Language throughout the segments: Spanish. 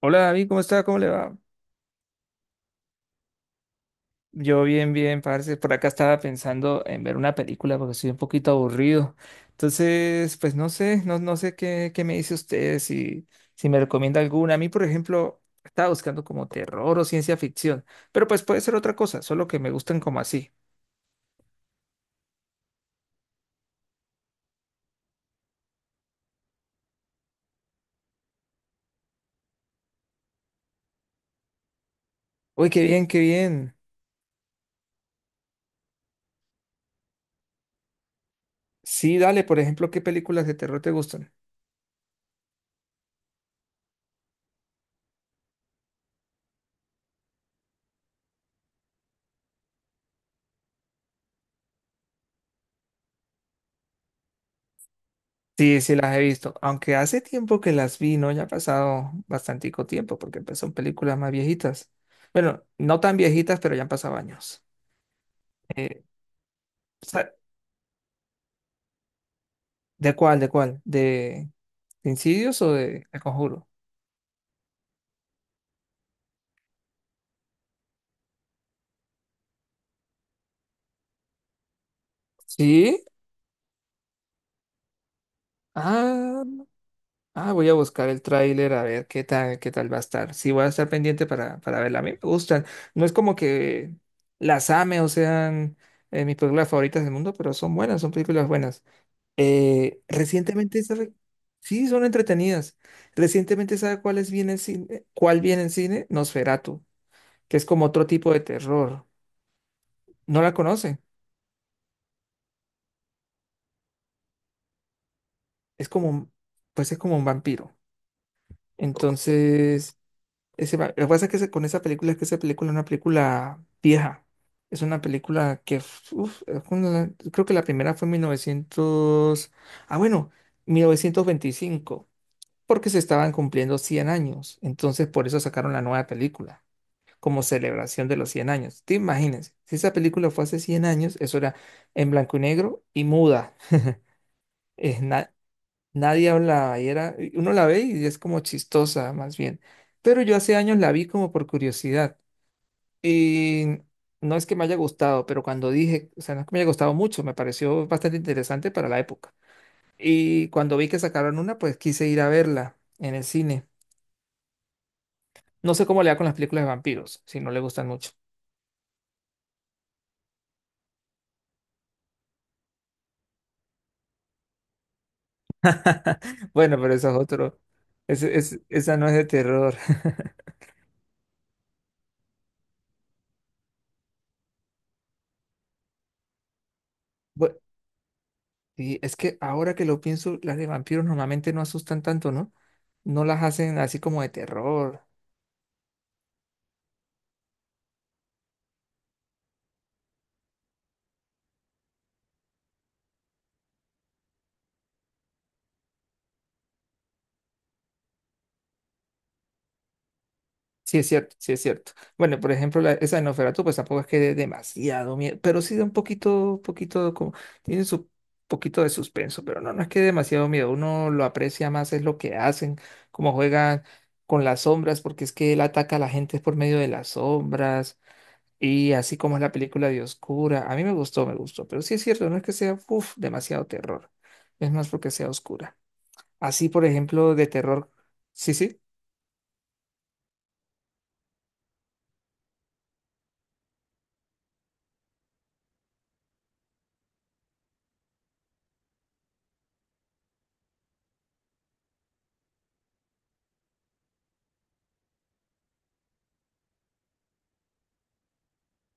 Hola David, ¿cómo está? ¿Cómo le va? Yo bien, bien, parce. Por acá estaba pensando en ver una película porque estoy un poquito aburrido. Entonces, pues no sé, no sé qué, qué me dice usted, si, si me recomienda alguna. A mí, por ejemplo, estaba buscando como terror o ciencia ficción, pero pues puede ser otra cosa, solo que me gustan como así. Uy, qué bien, qué bien. Sí, dale, por ejemplo, ¿qué películas de terror te gustan? Sí, sí las he visto, aunque hace tiempo que las vi, ¿no? Ya ha pasado bastantico tiempo, porque pues, son películas más viejitas. Bueno, no tan viejitas, pero ya han pasado años. Eh, sa- ¿De cuál? ¿De cuál? De Insidious o de El Conjuro? Sí. Ah, Voy a buscar el tráiler a ver qué tal va a estar. Sí, voy a estar pendiente para verla. A mí me gustan. No es como que las ame o sean mis películas favoritas del mundo, pero son buenas, son películas buenas. Recientemente, ¿sabe? Sí, son entretenidas. Recientemente, ¿sabe cuál es bien en cine? ¿Cuál viene en cine? Nosferatu, que es como otro tipo de terror. No la conoce. Es como, un- pues es como un vampiro. Entonces, lo que pasa es que con esa película es que esa película es una película vieja. Es una película que, uf, es una- Creo que la primera fue en 1900, ah, bueno, 1925. Porque se estaban cumpliendo 100 años. Entonces, por eso sacaron la nueva película, como celebración de los 100 años. Te imagínense, si esa película fue hace 100 años, eso era en blanco y negro y muda. Es na- Nadie hablaba y era, y uno la ve y es como chistosa, más bien. Pero yo hace años la vi como por curiosidad. Y no es que me haya gustado, pero cuando dije, o sea, no es que me haya gustado mucho, me pareció bastante interesante para la época. Y cuando vi que sacaron una, pues quise ir a verla en el cine. No sé cómo le da con las películas de vampiros, si no le gustan mucho. Bueno, pero eso es otro. Esa no es de terror. Bu- Y es que ahora que lo pienso, las de vampiros normalmente no asustan tanto, ¿no? No las hacen así como de terror. Sí, es cierto, sí es cierto. Bueno, por ejemplo, esa de Nosferatu, pues tampoco es que dé demasiado miedo, pero sí da un poquito, poquito, como, tiene su poquito de suspenso, pero no, no es que dé demasiado miedo. Uno lo aprecia más, es lo que hacen, cómo juegan con las sombras, porque es que él ataca a la gente por medio de las sombras, y así como es la película de Oscura. A mí me gustó, pero sí es cierto, no es que sea, uf, demasiado terror. Es más porque sea oscura. Así, por ejemplo, de terror. Sí, sí,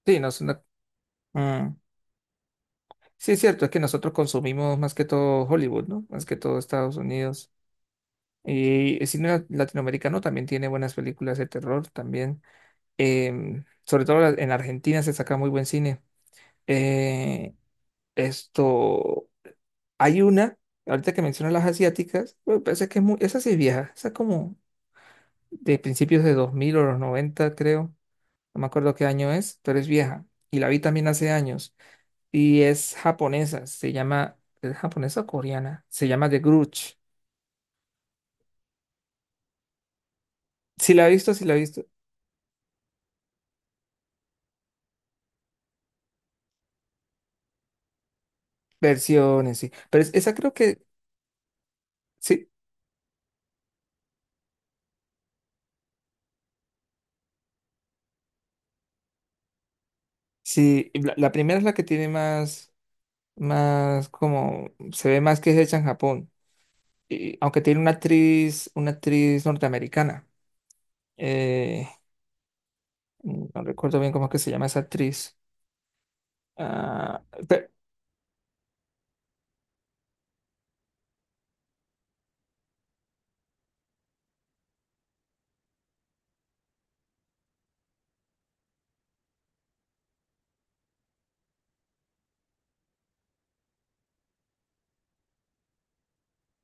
sí, no es una. mm, Sí, es cierto, es que nosotros consumimos más que todo Hollywood, ¿no? Más que todo Estados Unidos. Y el cine latinoamericano también tiene buenas películas de terror, también. Sobre todo en Argentina se saca muy buen cine. Eh, esto, Hay una, ahorita que mencionas las asiáticas, me parece que es muy, esa sí es vieja, esa es como de principios de 2000 o los 90 creo. No me acuerdo qué año es, pero es vieja. Y la vi también hace años. Y es japonesa, se llama, ¿es japonesa o coreana? Se llama The Grudge. Si la he visto, si la he visto. Versiones, sí. Pero esa creo que, sí, sí, la primera es la que tiene más, más como, se ve más que es hecha en Japón. Y, aunque tiene una actriz norteamericana. Eh, no recuerdo bien cómo es que se llama esa actriz. Ah, pe-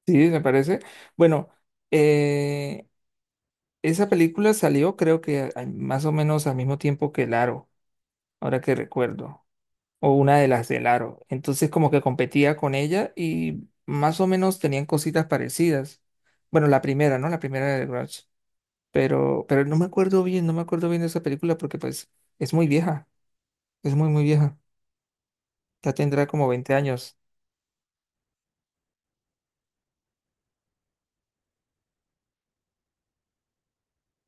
sí, me parece. Bueno, eh, esa película salió creo que más o menos al mismo tiempo que El Aro, ahora que recuerdo, o una de las del Aro. Entonces como que competía con ella y más o menos tenían cositas parecidas. Bueno, la primera, ¿no? La primera de Grudge. Pero no me acuerdo bien, no me acuerdo bien de esa película porque pues es muy vieja, es muy, muy vieja. Ya tendrá como 20 años.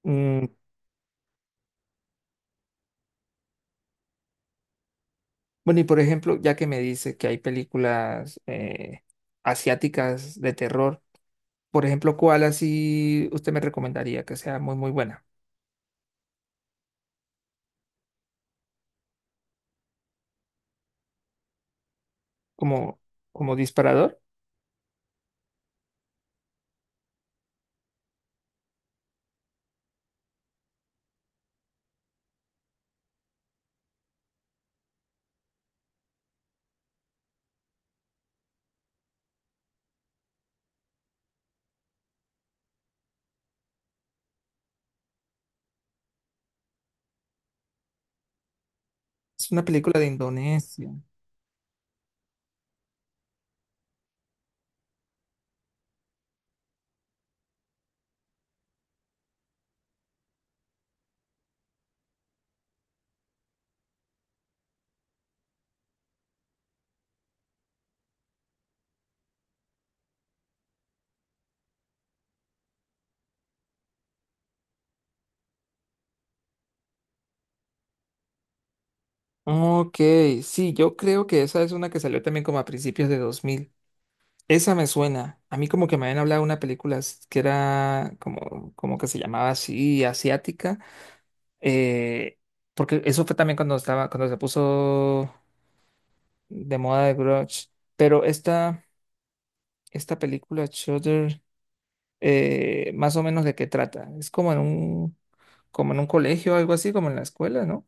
Mm, bueno, y por ejemplo, ya que me dice que hay películas asiáticas de terror. Por ejemplo, ¿cuál así usted me recomendaría que sea muy, muy buena? Como, como disparador. Es una película de Indonesia. Ok, sí, yo creo que esa es una que salió también como a principios de 2000. Esa me suena. A mí como que me habían hablado de una película que era como, como que se llamaba así, asiática. eh, Porque eso fue también cuando estaba, cuando se puso de moda de Grudge. Pero esta película, Shudder, más o menos de qué trata. Es como en un colegio algo así, como en la escuela, ¿no?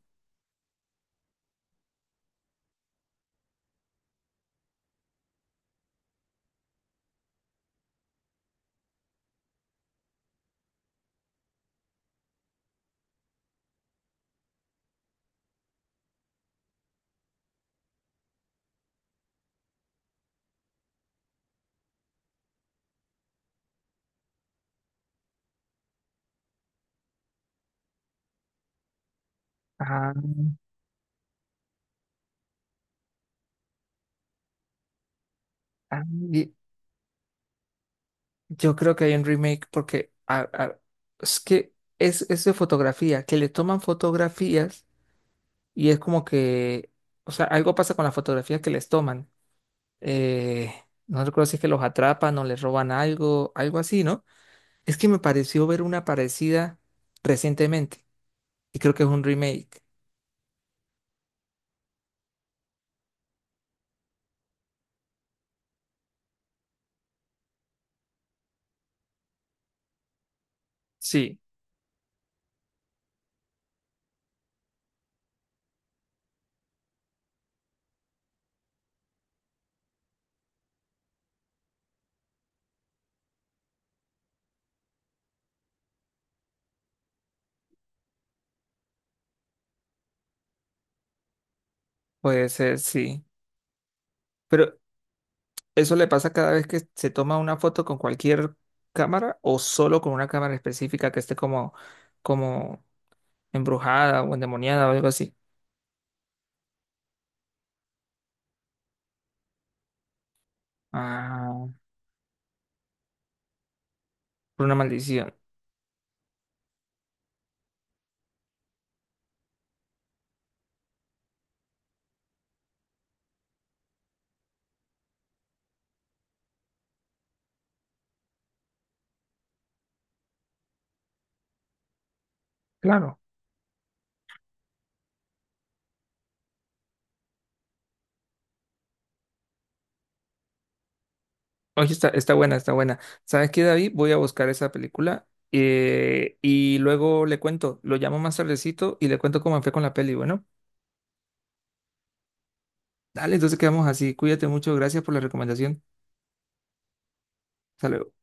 Ah, ah, y yo creo que hay un remake porque es que es de fotografía, que le toman fotografías y es como que, o sea, algo pasa con las fotografías que les toman. Eh, no recuerdo si es que los atrapan o les roban algo, algo así, ¿no? Es que me pareció ver una parecida recientemente y creo que es un remake. Sí, puede ser, sí. Pero ¿eso le pasa cada vez que se toma una foto con cualquier cámara o solo con una cámara específica que esté como, como embrujada o endemoniada o algo así? Ah, por una maldición. Claro. Oye, está, está buena, está buena. ¿Sabes qué, David? Voy a buscar esa película y luego le cuento. Lo llamo más tardecito y le cuento cómo me fue con la peli. Bueno, dale, entonces quedamos así. Cuídate mucho. Gracias por la recomendación. Hasta luego.